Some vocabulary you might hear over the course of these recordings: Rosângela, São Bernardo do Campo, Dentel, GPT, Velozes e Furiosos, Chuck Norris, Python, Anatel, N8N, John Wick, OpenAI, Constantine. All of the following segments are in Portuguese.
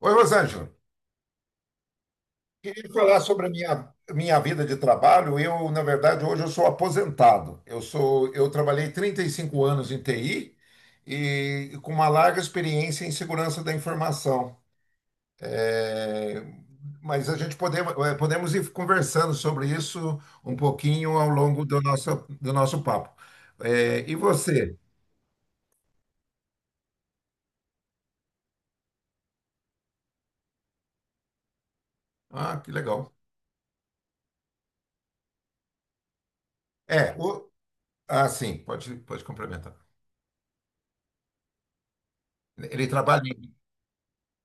Oi, Rosângela. Queria falar sobre a minha vida de trabalho. Eu, na verdade, hoje eu sou aposentado. Eu trabalhei 35 anos em TI e com uma larga experiência em segurança da informação. É, Mas a gente podemos, podemos ir conversando sobre isso um pouquinho ao longo do nosso papo. E você? Ah, que legal. É, o, ah, sim, pode complementar. O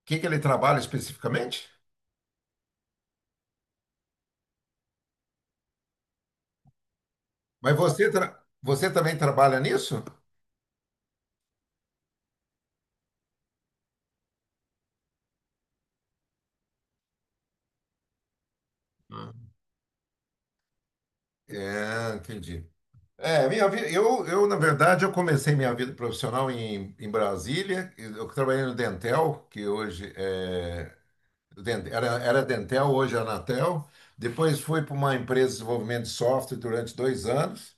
que que ele trabalha especificamente? Mas você, você também trabalha nisso? Ah, é, entendi. É, minha vida, na verdade, eu comecei minha vida profissional em, em Brasília. Eu trabalhei no Dentel, que hoje é, Den- era, era Dentel, hoje é Anatel. Depois fui para uma empresa de desenvolvimento de software durante 2 anos.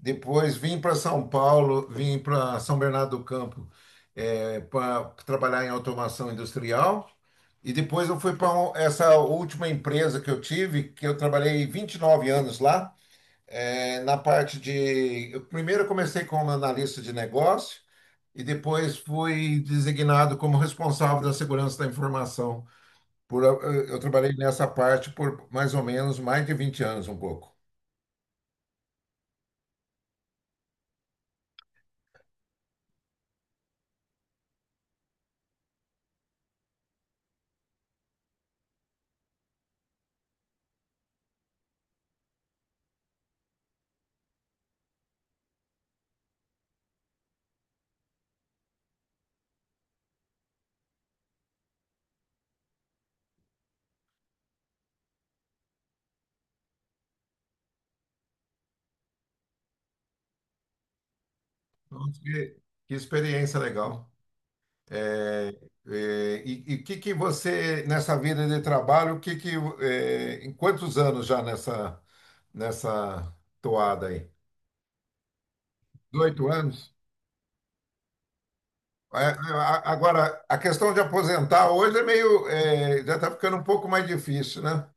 Depois vim para São Paulo, vim para São Bernardo do Campo para trabalhar em automação industrial. E depois eu fui para essa última empresa que eu tive, que eu trabalhei 29 anos lá, na parte de. Eu primeiro eu comecei como analista de negócio e depois fui designado como responsável da segurança da informação. Eu trabalhei nessa parte por mais ou menos mais de 20 anos, um pouco. Nossa, que experiência legal. É, e o que que você, nessa vida de trabalho, o que que, é, em quantos anos já nessa toada aí? 18 anos? É, é, Agora, a questão de aposentar hoje é já está ficando um pouco mais difícil, né?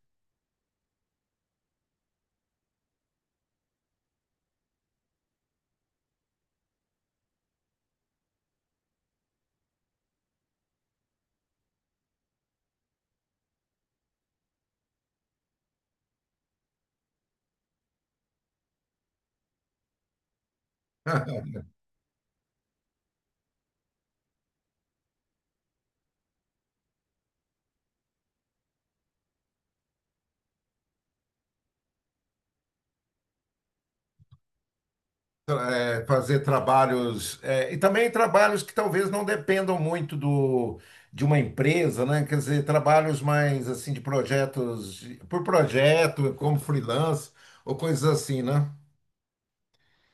É, fazer trabalhos, é, e também trabalhos que talvez não dependam muito do, de uma empresa, né? Quer dizer, trabalhos mais, assim, de projetos, de- por projeto, como freelance, ou coisas assim, né?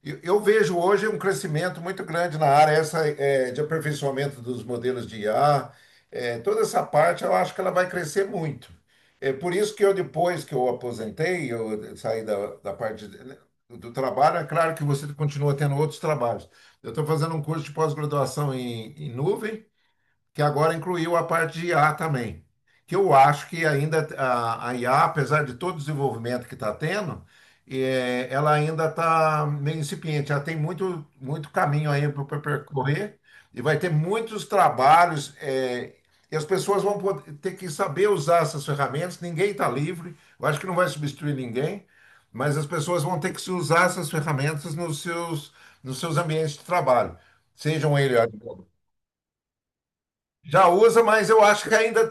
Eu vejo hoje um crescimento muito grande na área essa, é, de aperfeiçoamento dos modelos de IA. É, toda essa parte eu acho que ela vai crescer muito. É por isso que eu, depois que eu aposentei, eu saí da, da parte de- né, do trabalho, é claro que você continua tendo outros trabalhos. Eu estou fazendo um curso de pós-graduação em, em nuvem que agora incluiu a parte de IA também. Que eu acho que ainda a IA, apesar de todo o desenvolvimento que está tendo, ela ainda está meio incipiente. Ela tem muito, muito caminho aí para percorrer e vai ter muitos trabalhos. E as pessoas vão poder- ter que saber usar essas ferramentas. Ninguém está livre. Eu acho que não vai substituir ninguém, mas as pessoas vão ter que se usar essas ferramentas nos seus ambientes de trabalho. Sejam eles já usa, mas eu acho que ainda.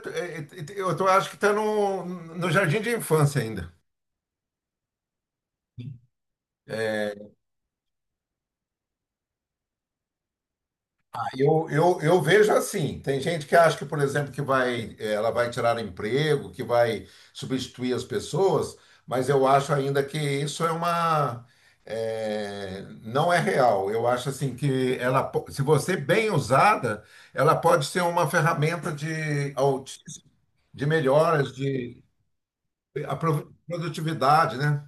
Acho que está no jardim de infância ainda. Eu vejo assim, tem gente que acha que, por exemplo, ela vai tirar emprego, que vai substituir as pessoas, mas eu acho ainda que isso é uma, é, não é real. Eu acho assim que se você bem usada, ela pode ser uma ferramenta de, de melhoras, de produtividade, né?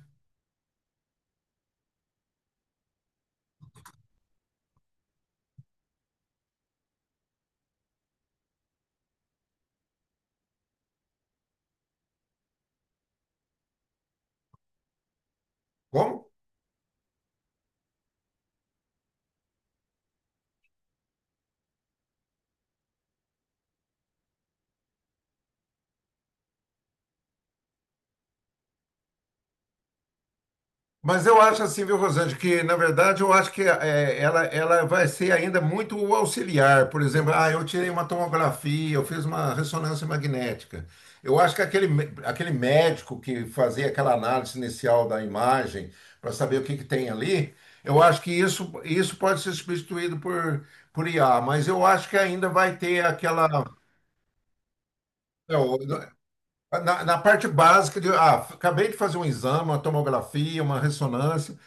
Como? Mas eu acho assim, viu, Rosângela, que na verdade eu acho que é, ela vai ser ainda muito o auxiliar. Por exemplo, ah, eu tirei uma tomografia, eu fiz uma ressonância magnética. Eu acho que aquele médico que fazia aquela análise inicial da imagem para saber o que que tem ali, eu acho que isso pode ser substituído por IA, mas eu acho que ainda vai ter aquela. Não, na, na parte básica de, ah, acabei de fazer um exame, uma tomografia, uma ressonância.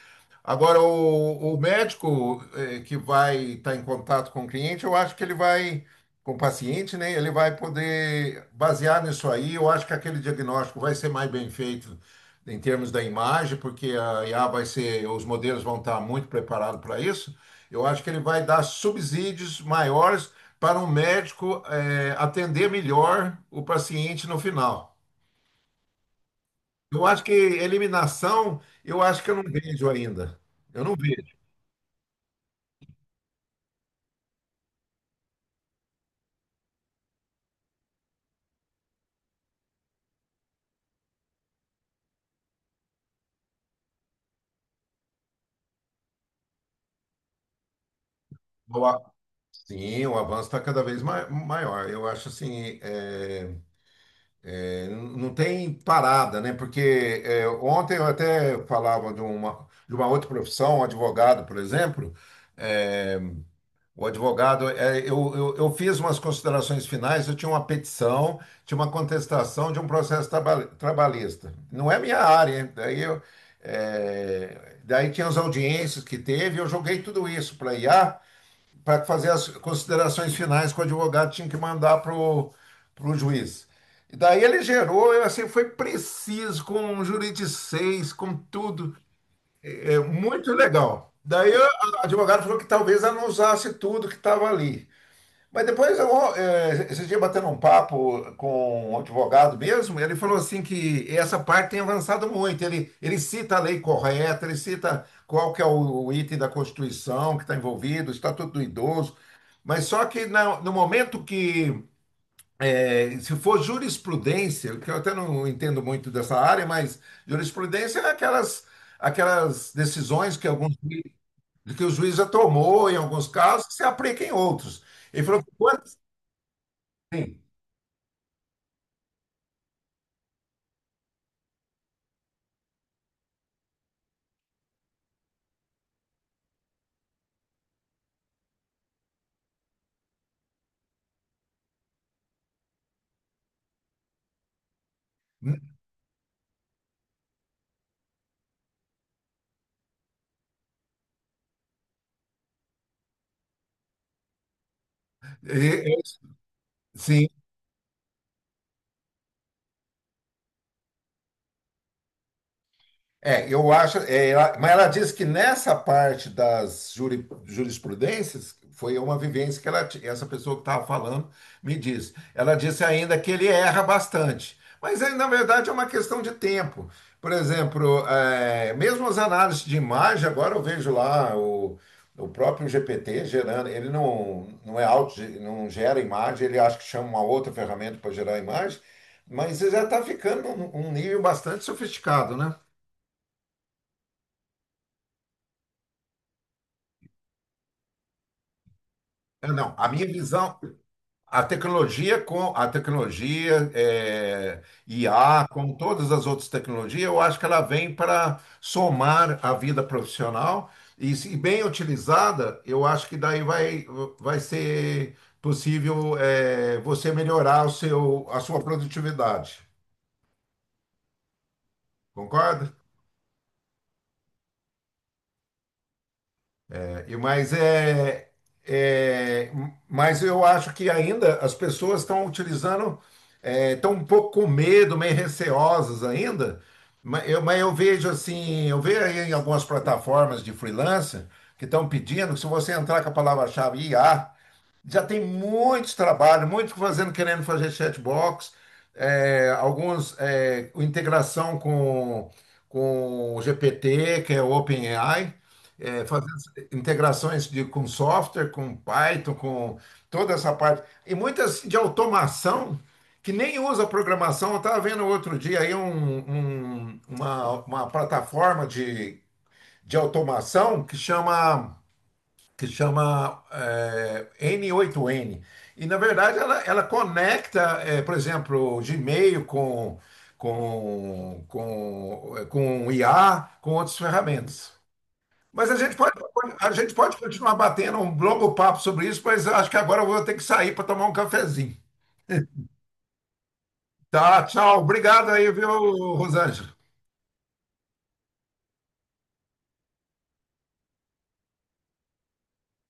Agora, o médico que vai estar em contato com o cliente, eu acho que ele vai, com o paciente, né? Ele vai poder basear nisso aí. Eu acho que aquele diagnóstico vai ser mais bem feito em termos da imagem, porque a IA vai ser, os modelos vão estar muito preparados para isso. Eu acho que ele vai dar subsídios maiores para um médico atender melhor o paciente no final. Eu acho que eliminação, eu acho que eu não vejo ainda. Eu não vejo. Sim, o avanço está cada vez maior. Eu acho assim, não tem parada, né? Porque é, ontem eu até falava de de uma outra profissão, um advogado, por exemplo. É, o advogado, eu fiz umas considerações finais, eu tinha uma petição, tinha uma contestação de um processo trabalhista. Não é minha área, hein? Daí tinha as audiências que teve, eu joguei tudo isso para IA para fazer as considerações finais que o advogado tinha que mandar para o juiz. E daí ele gerou, eu, assim, foi preciso, com juridicês, com tudo, é, é muito legal. Daí o advogado falou que talvez ela não usasse tudo que estava ali. Mas depois, esse dia batendo um papo com um advogado mesmo, ele falou assim que essa parte tem avançado muito. Ele cita a lei correta, ele cita qual que é o item da Constituição que está envolvido, o Estatuto do Idoso. Mas só que no momento que, se for jurisprudência, que eu até não entendo muito dessa área, mas jurisprudência é aquelas decisões que, que o juiz já tomou em alguns casos que se aplica em outros. Ele falou que quando, sim, é, é, sim, é, eu acho. Mas ela diz que nessa parte das jurisprudências foi uma vivência que essa pessoa que estava falando me disse. Ela disse ainda que ele erra bastante. Mas aí, na verdade, é uma questão de tempo. Por exemplo, é, mesmo as análises de imagem, agora eu vejo lá o próprio GPT gerando, ele não, não é auto, não gera imagem, ele acho que chama uma outra ferramenta para gerar imagem, mas já está ficando um nível bastante sofisticado, né? É, não, a minha visão, a tecnologia com a tecnologia é, IA, como todas as outras tecnologias, eu acho que ela vem para somar a vida profissional e, se bem utilizada, eu acho que daí vai, vai ser possível é, você melhorar o seu, a sua produtividade. Concorda? Mas é, mas eu acho que ainda as pessoas estão utilizando, é, estão um pouco com medo, meio receosas ainda. Mas eu vejo assim, eu vejo aí em algumas plataformas de freelancer que estão pedindo que se você entrar com a palavra-chave I a já tem muitos trabalhos, muitos fazendo, querendo fazer chatbox, alguns é, com integração com o GPT, que é o OpenAI, é, fazendo integrações de, com software, com Python, com toda essa parte. E muitas de automação que nem usa programação. Eu estava vendo outro dia aí uma plataforma de automação que chama N8N. E, na verdade, ela conecta, por exemplo, o Gmail com o IA, com outras ferramentas. Mas a gente pode, a gente pode continuar batendo um longo papo sobre isso, mas eu acho que agora eu vou ter que sair para tomar um cafezinho. Tá, tchau. Obrigado aí, viu, Rosângela?